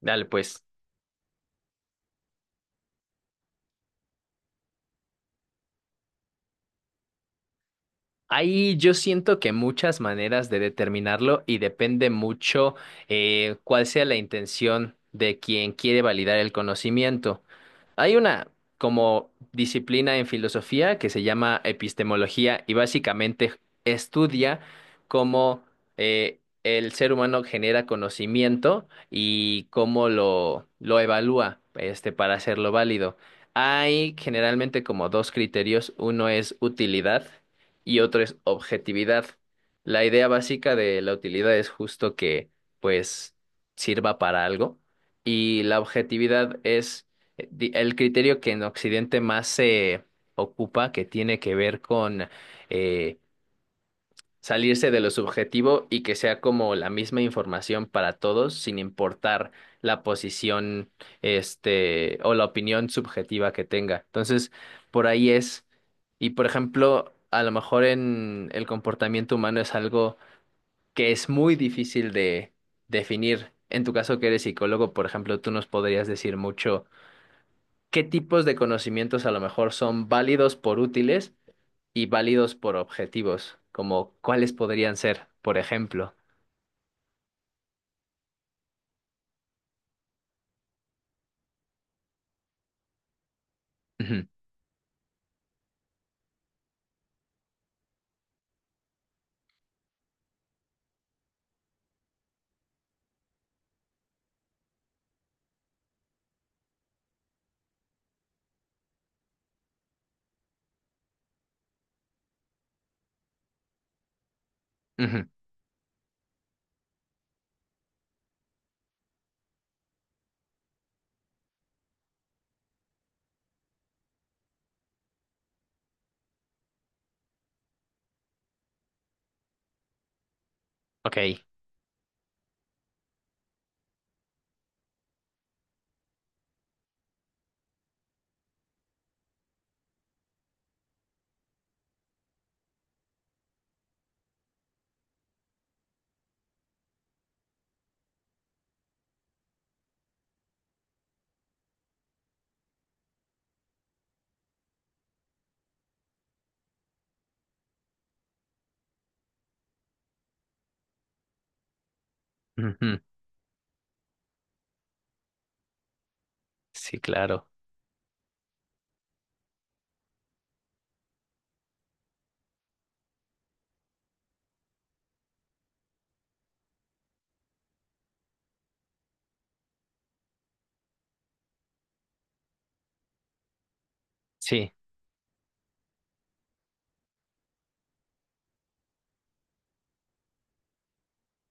Dale, pues. Ahí yo siento que muchas maneras de determinarlo y depende mucho cuál sea la intención de quien quiere validar el conocimiento. Hay una como disciplina en filosofía que se llama epistemología y básicamente estudia cómo el ser humano genera conocimiento y cómo lo evalúa este, para hacerlo válido. Hay generalmente como dos criterios, uno es utilidad y otro es objetividad. La idea básica de la utilidad es justo que pues sirva para algo, y la objetividad es el criterio que en Occidente más se ocupa, que tiene que ver con eh, salirse de lo subjetivo y que sea como la misma información para todos, sin importar la posición, este, o la opinión subjetiva que tenga. Entonces, por ahí es. Y por ejemplo, a lo mejor en el comportamiento humano es algo que es muy difícil de definir. En tu caso, que eres psicólogo, por ejemplo, tú nos podrías decir mucho qué tipos de conocimientos a lo mejor son válidos por útiles y válidos por objetivos, como cuáles podrían ser, por ejemplo. Ujú, ujú, ok. Ujú, sí, claro. Sí.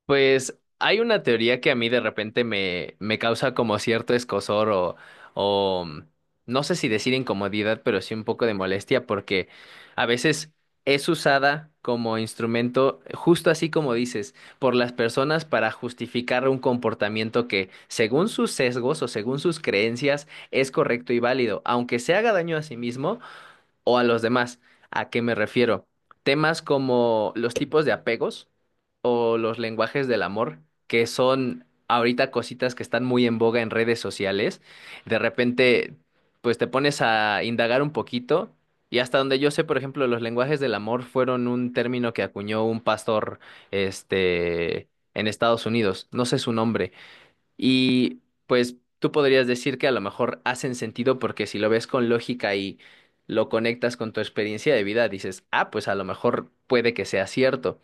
Pues hay una teoría que a mí de repente me, me causa como cierto escozor o no sé si decir incomodidad, pero sí un poco de molestia porque a veces es usada como instrumento, justo así como dices, por las personas para justificar un comportamiento que según sus sesgos o según sus creencias es correcto y válido, aunque se haga daño a sí mismo o a los demás. ¿A qué me refiero? Temas como los tipos de apegos o los lenguajes del amor, que son ahorita cositas que están muy en boga en redes sociales. De repente, pues te pones a indagar un poquito y hasta donde yo sé, por ejemplo, los lenguajes del amor fueron un término que acuñó un pastor, este, en Estados Unidos. No sé su nombre, y pues tú podrías decir que a lo mejor hacen sentido porque si lo ves con lógica y lo conectas con tu experiencia de vida, dices, ah, pues a lo mejor puede que sea cierto.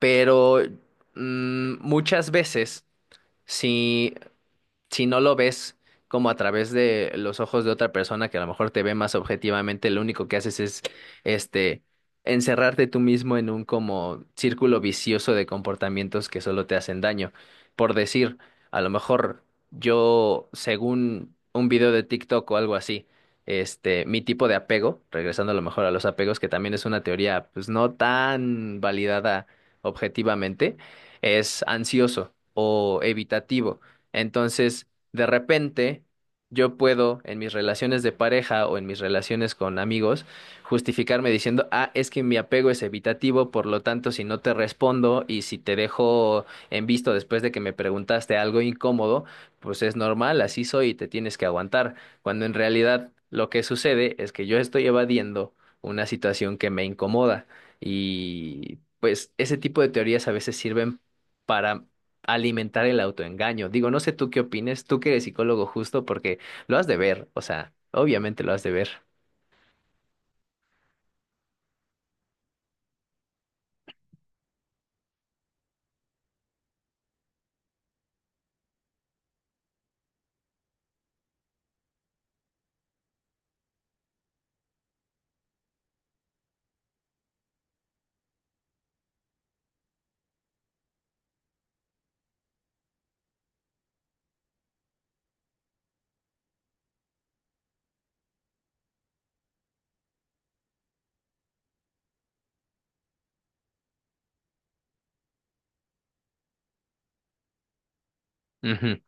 Pero muchas veces, si si no lo ves como a través de los ojos de otra persona que a lo mejor te ve más objetivamente, lo único que haces es este encerrarte tú mismo en un como círculo vicioso de comportamientos que solo te hacen daño. Por decir, a lo mejor yo, según un video de TikTok o algo así, este, mi tipo de apego, regresando a lo mejor a los apegos, que también es una teoría pues no tan validada objetivamente, es ansioso o evitativo. Entonces, de repente, yo puedo en mis relaciones de pareja o en mis relaciones con amigos justificarme diciendo, ah, es que mi apego es evitativo, por lo tanto, si no te respondo y si te dejo en visto después de que me preguntaste algo incómodo, pues es normal, así soy y te tienes que aguantar. Cuando en realidad lo que sucede es que yo estoy evadiendo una situación que me incomoda y pues ese tipo de teorías a veces sirven para alimentar el autoengaño. Digo, no sé tú qué opines, tú que eres psicólogo justo, porque lo has de ver, o sea, obviamente lo has de ver. Ujú,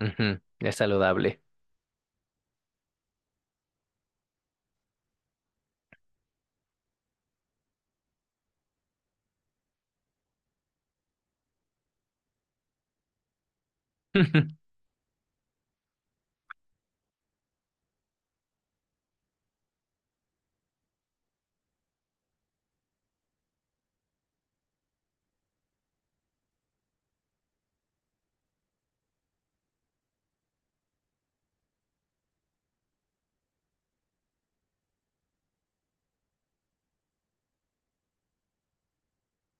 ujú, es saludable.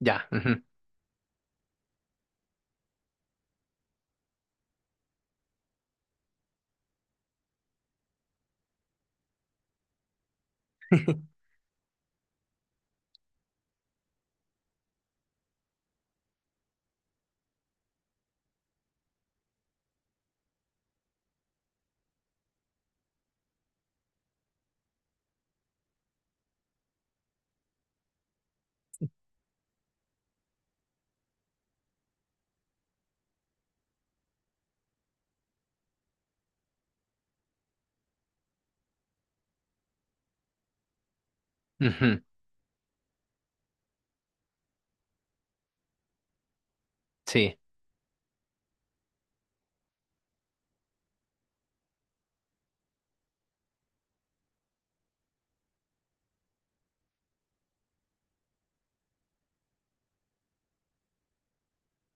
Ya. Ujú, ujú, sí,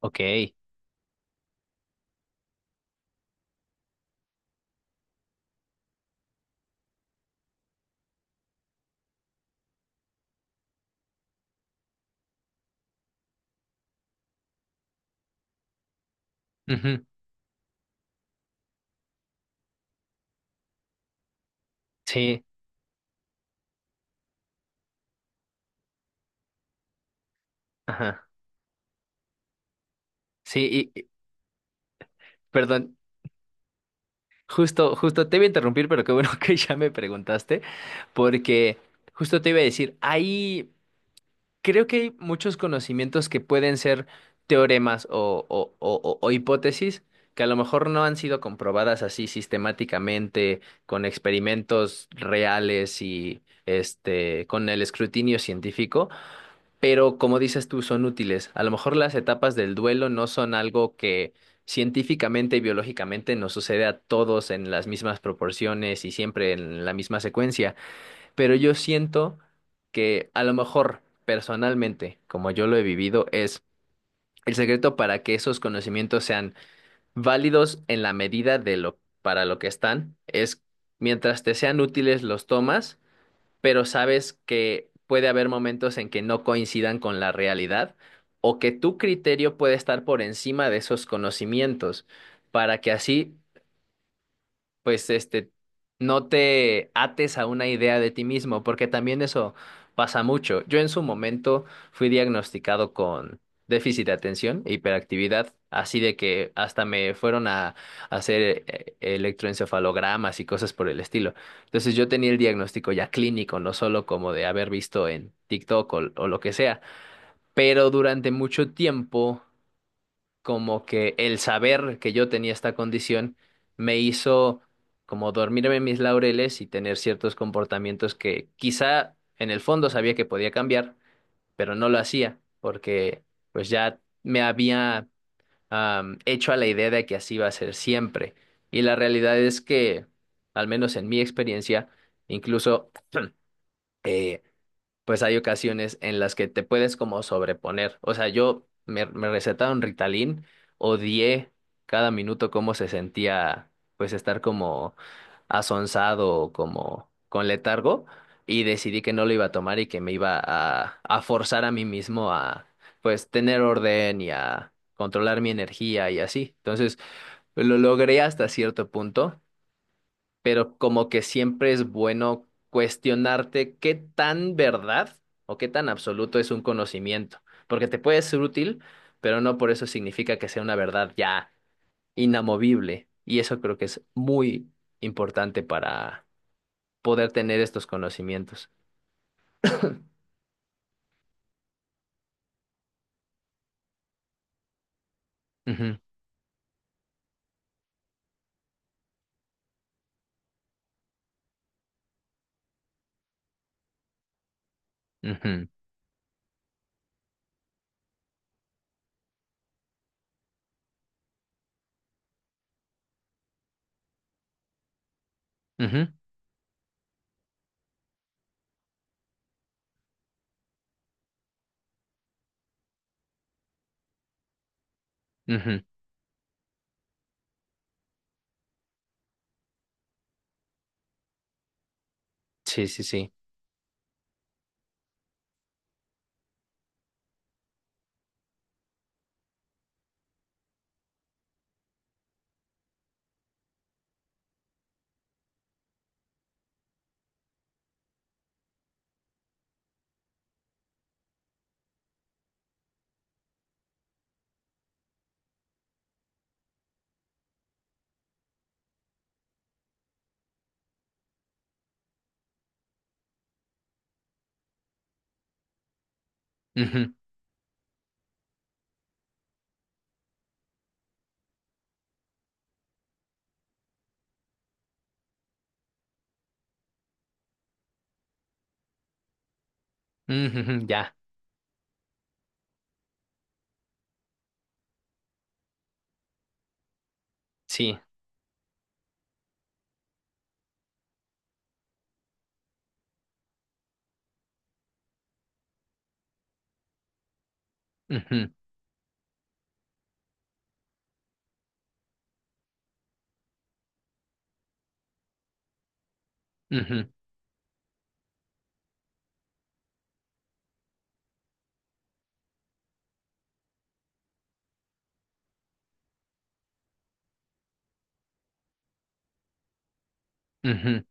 ok. Ujú, sí, ajá. Sí, y, perdón, justo, justo te iba a interrumpir, pero qué bueno que ya me preguntaste, porque justo te iba a decir, ahí. Creo que hay muchos conocimientos que pueden ser teoremas o, o hipótesis que a lo mejor no han sido comprobadas así sistemáticamente con experimentos reales y este con el escrutinio científico, pero como dices tú, son útiles. A lo mejor las etapas del duelo no son algo que científicamente y biológicamente nos sucede a todos en las mismas proporciones y siempre en la misma secuencia, pero yo siento que a lo mejor personalmente, como yo lo he vivido, es el secreto para que esos conocimientos sean válidos en la medida de lo para lo que están, es mientras te sean útiles los tomas, pero sabes que puede haber momentos en que no coincidan con la realidad o que tu criterio puede estar por encima de esos conocimientos, para que así pues este, no te ates a una idea de ti mismo, porque también eso pasa mucho. Yo en su momento fui diagnosticado con déficit de atención e hiperactividad, así de que hasta me fueron a hacer electroencefalogramas y cosas por el estilo. Entonces yo tenía el diagnóstico ya clínico, no solo como de haber visto en TikTok o lo que sea, pero durante mucho tiempo como que el saber que yo tenía esta condición me hizo como dormirme en mis laureles y tener ciertos comportamientos que quizá en el fondo sabía que podía cambiar, pero no lo hacía porque pues ya me había hecho a la idea de que así iba a ser siempre. Y la realidad es que, al menos en mi experiencia, incluso... eh, pues hay ocasiones en las que te puedes como sobreponer. O sea, yo me, me recetaron Ritalin, odié cada minuto cómo se sentía, pues estar como asonsado o como con letargo y decidí que no lo iba a tomar y que me iba a forzar a mí mismo a, pues, tener orden y a controlar mi energía y así. Entonces, lo logré hasta cierto punto, pero como que siempre es bueno cuestionarte qué tan verdad o qué tan absoluto es un conocimiento, porque te puede ser útil, pero no por eso significa que sea una verdad ya inamovible. Y eso creo que es muy importante para poder tener estos conocimientos. Ujú, ujú, ujú, ujú. Sí, sí, sí. Ujú, ujú, ujú, ya, sí. Ujú, ujú, ujú.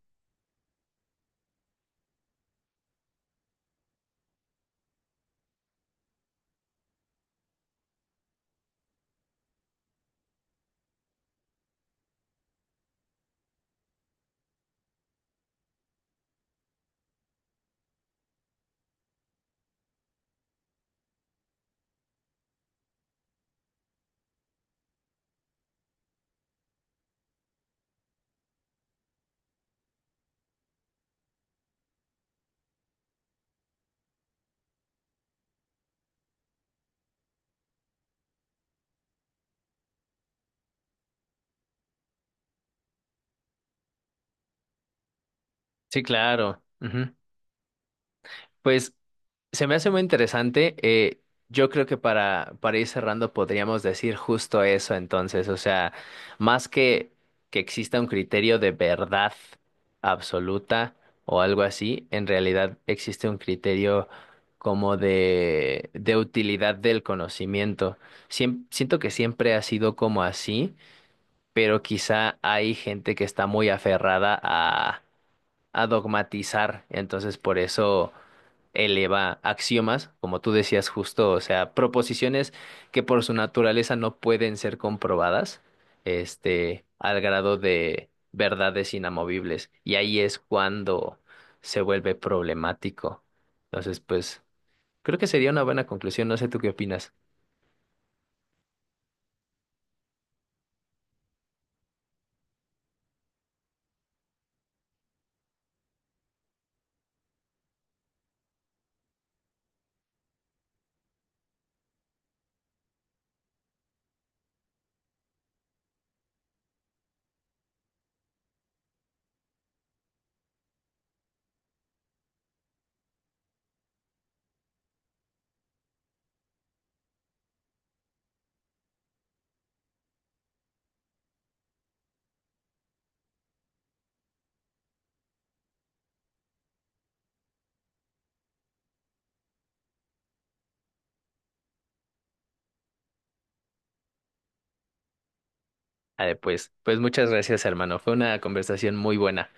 Sí, claro. Pues se me hace muy interesante. Yo creo que para ir cerrando podríamos decir justo eso entonces. O sea, más que exista un criterio de verdad absoluta o algo así, en realidad existe un criterio como de utilidad del conocimiento. Siento que siempre ha sido como así, pero quizá hay gente que está muy aferrada a dogmatizar. Entonces, por eso eleva axiomas, como tú decías justo, o sea, proposiciones que por su naturaleza no pueden ser comprobadas, este, al grado de verdades inamovibles. Y ahí es cuando se vuelve problemático. Entonces, pues, creo que sería una buena conclusión. No sé tú qué opinas. Ah, pues, pues muchas gracias, hermano. Fue una conversación muy buena.